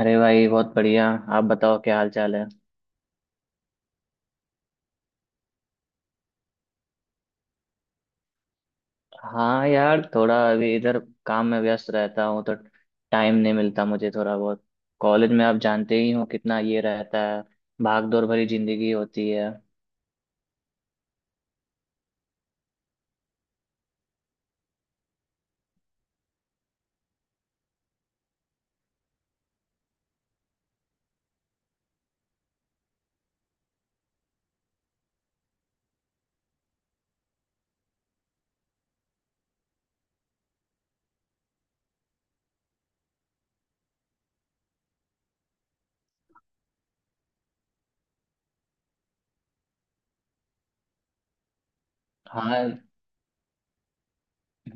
अरे भाई बहुत बढ़िया। आप बताओ क्या हाल चाल है। हाँ यार थोड़ा अभी इधर काम में व्यस्त रहता हूँ तो टाइम नहीं मिलता मुझे थोड़ा बहुत। कॉलेज में आप जानते ही हो कितना ये रहता है। भाग दौड़ भरी जिंदगी होती है। हाँ।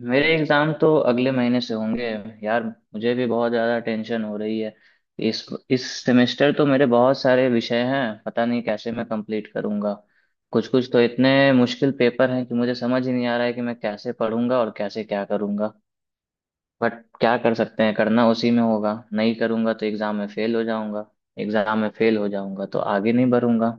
मेरे एग्जाम तो अगले महीने से होंगे यार। मुझे भी बहुत ज़्यादा टेंशन हो रही है। इस सेमेस्टर तो मेरे बहुत सारे विषय हैं, पता नहीं कैसे मैं कंप्लीट करूँगा। कुछ कुछ तो इतने मुश्किल पेपर हैं कि मुझे समझ ही नहीं आ रहा है कि मैं कैसे पढ़ूंगा और कैसे क्या करूँगा। बट क्या कर सकते हैं, करना उसी में होगा, नहीं करूँगा तो एग्ज़ाम में फेल हो जाऊँगा। एग्ज़ाम में फेल हो जाऊँगा तो आगे नहीं बढ़ूँगा।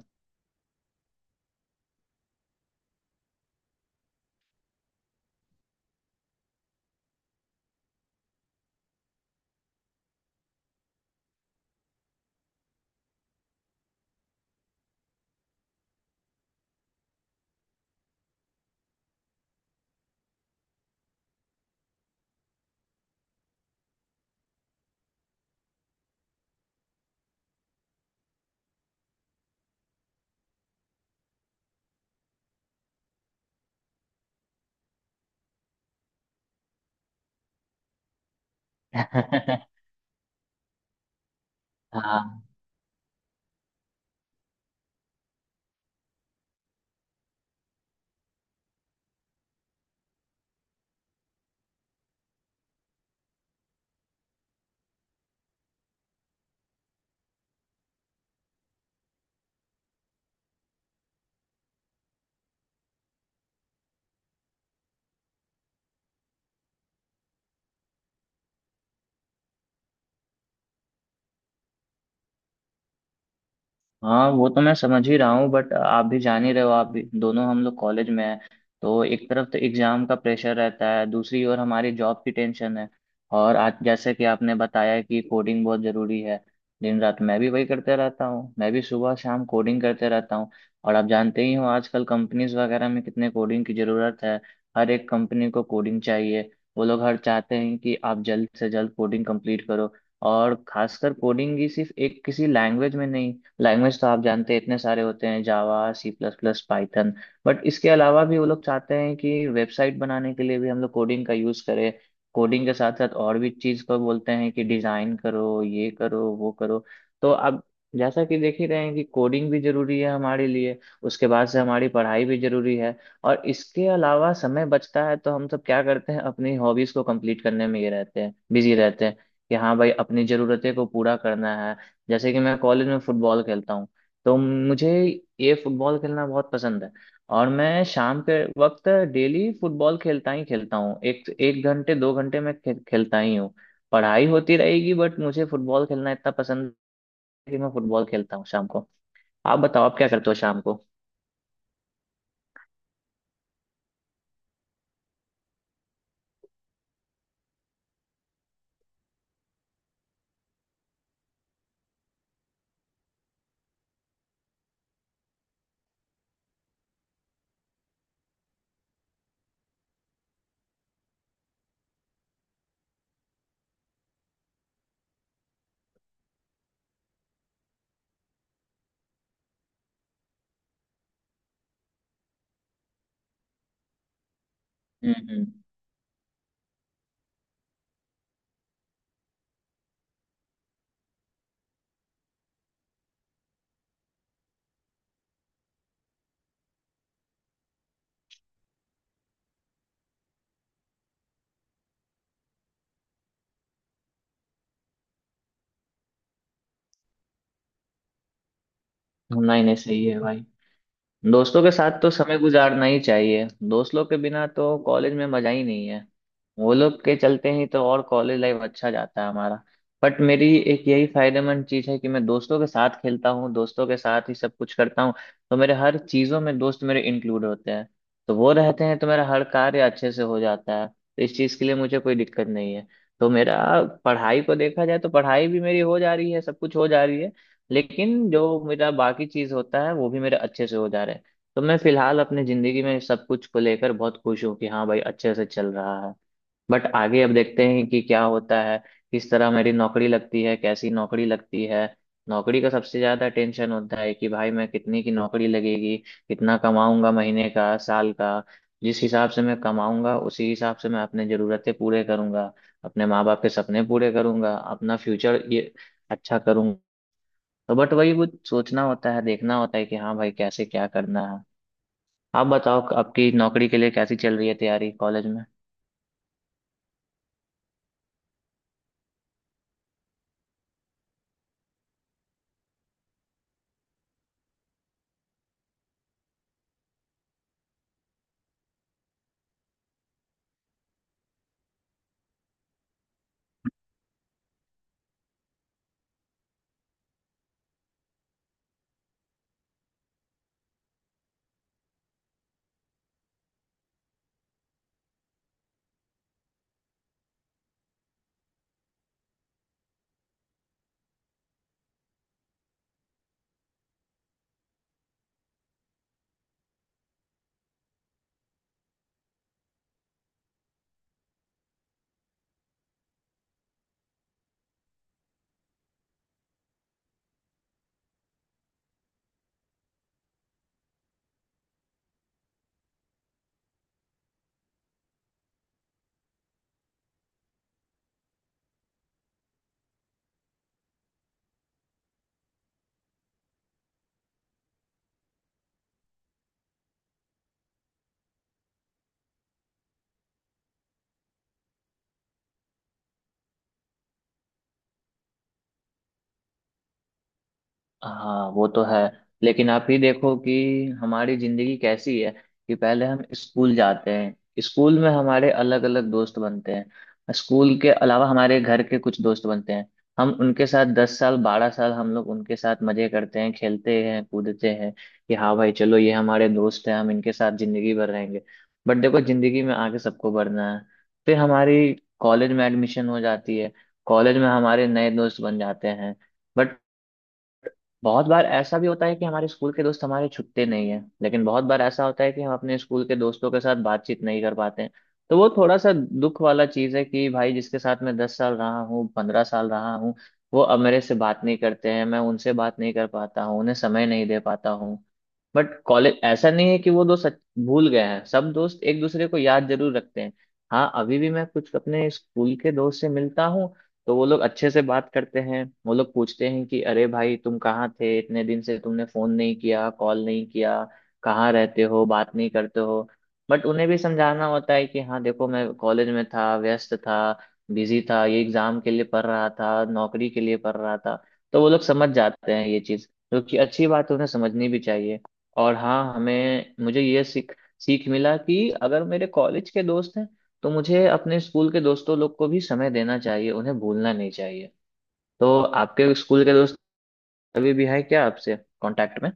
हाँ। हाँ वो तो मैं समझ ही रहा हूँ, बट आप भी जान ही रहे हो, आप भी दोनों हम लोग कॉलेज में हैं। तो एक तरफ तो एग्जाम का प्रेशर रहता है, दूसरी ओर हमारी जॉब की टेंशन है। और आज जैसे कि आपने बताया कि कोडिंग बहुत जरूरी है। दिन रात मैं भी वही करते रहता हूँ, मैं भी सुबह शाम कोडिंग करते रहता हूँ। और आप जानते ही हो आजकल कंपनीज वगैरह में कितने कोडिंग की जरूरत है। हर एक कंपनी को कोडिंग चाहिए। वो लोग हर चाहते हैं कि आप जल्द से जल्द कोडिंग कंप्लीट करो। और खासकर कोडिंग ही सिर्फ एक किसी लैंग्वेज में नहीं, लैंग्वेज तो आप जानते हैं इतने सारे होते हैं, Java, C plus plus, Python. But इसके अलावा भी वो लोग चाहते हैं कि वेबसाइट बनाने के लिए भी हम लोग कोडिंग का यूज़ करें। कोडिंग के साथ साथ और भी चीज़ को बोलते हैं कि डिज़ाइन करो, ये करो वो करो। तो अब जैसा कि देख ही रहे हैं कि कोडिंग भी ज़रूरी है हमारे लिए। उसके बाद से हमारी पढ़ाई भी ज़रूरी है। और इसके अलावा समय बचता है तो हम सब क्या करते हैं, अपनी हॉबीज़ को कंप्लीट करने में ये रहते हैं, बिजी रहते हैं। कि हाँ भाई अपनी ज़रूरतें को पूरा करना है। जैसे कि मैं कॉलेज में फुटबॉल खेलता हूँ। तो मुझे ये फुटबॉल खेलना बहुत पसंद है। और मैं शाम के वक्त डेली फुटबॉल खेलता ही खेलता हूँ, एक एक घंटे 2 घंटे मैं खेलता ही हूँ। पढ़ाई होती रहेगी बट मुझे फुटबॉल खेलना इतना पसंद है कि मैं फुटबॉल खेलता हूँ शाम को। आप बताओ आप क्या करते हो शाम को। हम्म। हम्म। नहीं नहीं सही है भाई। दोस्तों के साथ तो समय गुजारना ही चाहिए, दोस्त लोग के बिना तो कॉलेज में मजा ही नहीं है। वो लोग के चलते ही तो और कॉलेज लाइफ अच्छा जाता है हमारा। बट मेरी एक यही फायदेमंद चीज है कि मैं दोस्तों के साथ खेलता हूँ, दोस्तों के साथ ही सब कुछ करता हूँ। तो मेरे हर चीजों में दोस्त मेरे इंक्लूड होते हैं। तो वो रहते हैं तो मेरा हर कार्य अच्छे से हो जाता है, तो इस चीज के लिए मुझे कोई दिक्कत नहीं है। तो मेरा पढ़ाई को देखा जाए तो पढ़ाई भी मेरी हो जा रही है, सब कुछ हो जा रही है। लेकिन जो मेरा बाकी चीज होता है वो भी मेरे अच्छे से हो जा रहे हैं। तो मैं फिलहाल अपनी जिंदगी में सब कुछ को लेकर बहुत खुश हूँ कि हाँ भाई अच्छे से चल रहा है। बट आगे अब देखते हैं कि क्या होता है, किस तरह मेरी नौकरी लगती है, कैसी नौकरी लगती है। नौकरी का सबसे ज्यादा टेंशन होता है कि भाई मैं कितनी की नौकरी लगेगी, कितना कमाऊंगा महीने का साल का। जिस हिसाब से मैं कमाऊंगा उसी हिसाब से मैं अपने जरूरतें पूरे करूंगा, अपने माँ बाप के सपने पूरे करूंगा, अपना फ्यूचर ये अच्छा करूंगा। तो बट वही वो सोचना होता है, देखना होता है कि हाँ भाई कैसे क्या करना है। आप बताओ आपकी नौकरी के लिए कैसी चल रही है तैयारी कॉलेज में। हाँ वो तो है। लेकिन आप ही देखो कि हमारी जिंदगी कैसी है। कि पहले हम स्कूल जाते हैं, स्कूल में हमारे अलग अलग दोस्त बनते हैं, स्कूल के अलावा हमारे घर के कुछ दोस्त बनते हैं। हम उनके साथ 10 साल 12 साल हम लोग उनके साथ मजे करते हैं, खेलते हैं, कूदते हैं। कि हाँ भाई चलो ये हमारे दोस्त हैं, हम इनके साथ जिंदगी भर रहेंगे। बट देखो जिंदगी में आगे सबको बढ़ना है। फिर हमारी कॉलेज में एडमिशन हो जाती है, कॉलेज में हमारे नए दोस्त बन जाते हैं। बहुत बार ऐसा भी होता है कि हमारे स्कूल के दोस्त हमारे छुट्टे नहीं है, लेकिन बहुत बार ऐसा होता है कि हम अपने स्कूल के दोस्तों के साथ बातचीत नहीं कर पाते हैं। तो वो थोड़ा सा दुख वाला चीज़ है कि भाई जिसके साथ मैं 10 साल रहा हूँ, 15 साल रहा हूँ, वो अब मेरे से बात नहीं करते हैं, मैं उनसे बात नहीं कर पाता हूँ, उन्हें समय नहीं दे पाता हूँ। बट कॉलेज ऐसा नहीं है कि वो दोस्त भूल गए हैं, सब दोस्त एक दूसरे को याद जरूर रखते हैं। हाँ अभी भी मैं कुछ अपने स्कूल के दोस्त से मिलता हूँ तो वो लोग अच्छे से बात करते हैं, वो लोग पूछते हैं कि अरे भाई तुम कहाँ थे, इतने दिन से तुमने फोन नहीं किया कॉल नहीं किया, कहाँ रहते हो बात नहीं करते हो। बट उन्हें भी समझाना होता है कि हाँ देखो मैं कॉलेज में था, व्यस्त था, बिजी था, ये एग्जाम के लिए पढ़ रहा था, नौकरी के लिए पढ़ रहा था। तो वो लोग समझ जाते हैं ये चीज़, जो कि अच्छी बात है, उन्हें समझनी भी चाहिए। और हाँ हमें मुझे ये सीख सीख मिला कि अगर मेरे कॉलेज के दोस्त हैं तो मुझे अपने स्कूल के दोस्तों लोग को भी समय देना चाहिए, उन्हें भूलना नहीं चाहिए। तो आपके स्कूल के दोस्त अभी भी हैं क्या आपसे कांटेक्ट में।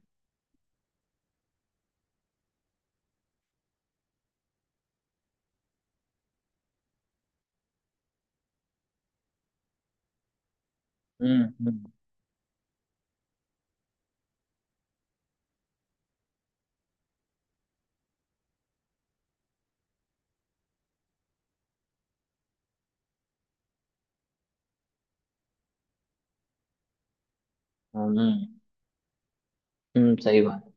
हम्म। हम्म। हम्म। सही बात।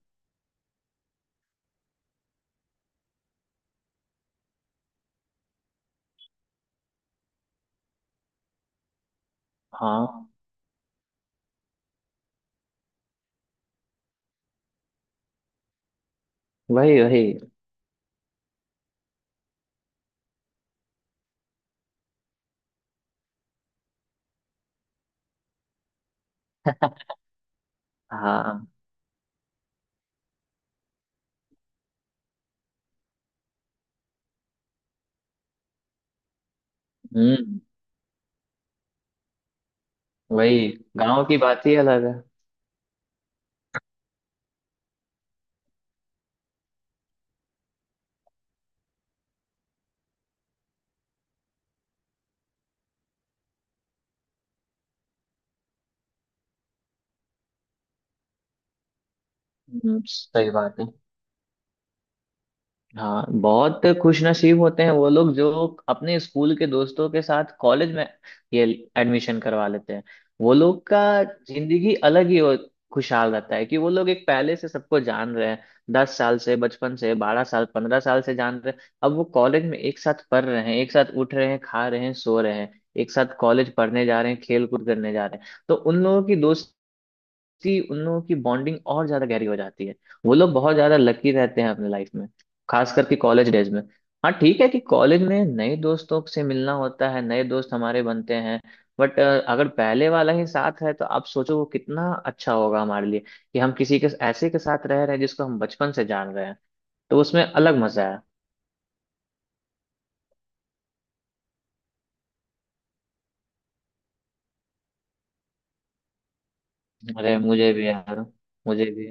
हाँ। वही वही। हाँ। हम्म। वही गांव की बात ही अलग है। सही बात है। हाँ बहुत खुशनसीब होते हैं वो लोग जो अपने स्कूल के दोस्तों के साथ कॉलेज में ये एडमिशन करवा लेते हैं। वो लोग का जिंदगी अलग ही खुशहाल रहता है कि वो लोग एक पहले से सबको जान रहे हैं। 10 साल से बचपन से, 12 साल 15 साल से जान रहे हैं, अब वो कॉलेज में एक साथ पढ़ रहे हैं, एक साथ उठ रहे हैं, खा रहे हैं, सो रहे हैं, एक साथ कॉलेज पढ़ने जा रहे हैं, खेल कूद करने जा रहे हैं, तो उन लोगों की दोस्ती कि उन लोगों की बॉन्डिंग और ज्यादा गहरी हो जाती है। वो लोग बहुत ज्यादा लकी रहते हैं अपने लाइफ में, खास करके कॉलेज डेज में। हाँ ठीक है कि कॉलेज में नए दोस्तों से मिलना होता है, नए दोस्त हमारे बनते हैं। बट अगर पहले वाला ही साथ है तो आप सोचो वो कितना अच्छा होगा हमारे लिए। कि हम किसी के ऐसे के साथ रह रहे हैं जिसको हम बचपन से जान रहे हैं, तो उसमें अलग मजा है। अरे मुझे भी यार। मुझे भी।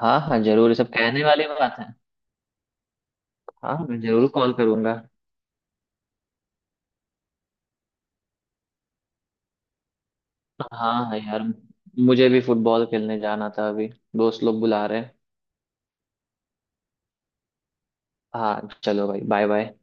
हाँ हाँ जरूर, ये सब कहने वाली बात है। हाँ मैं जरूर कॉल करूंगा। हाँ हाँ यार। मुझे भी फुटबॉल खेलने जाना था अभी, दोस्त लोग बुला रहे हैं। हाँ चलो भाई बाय बाय।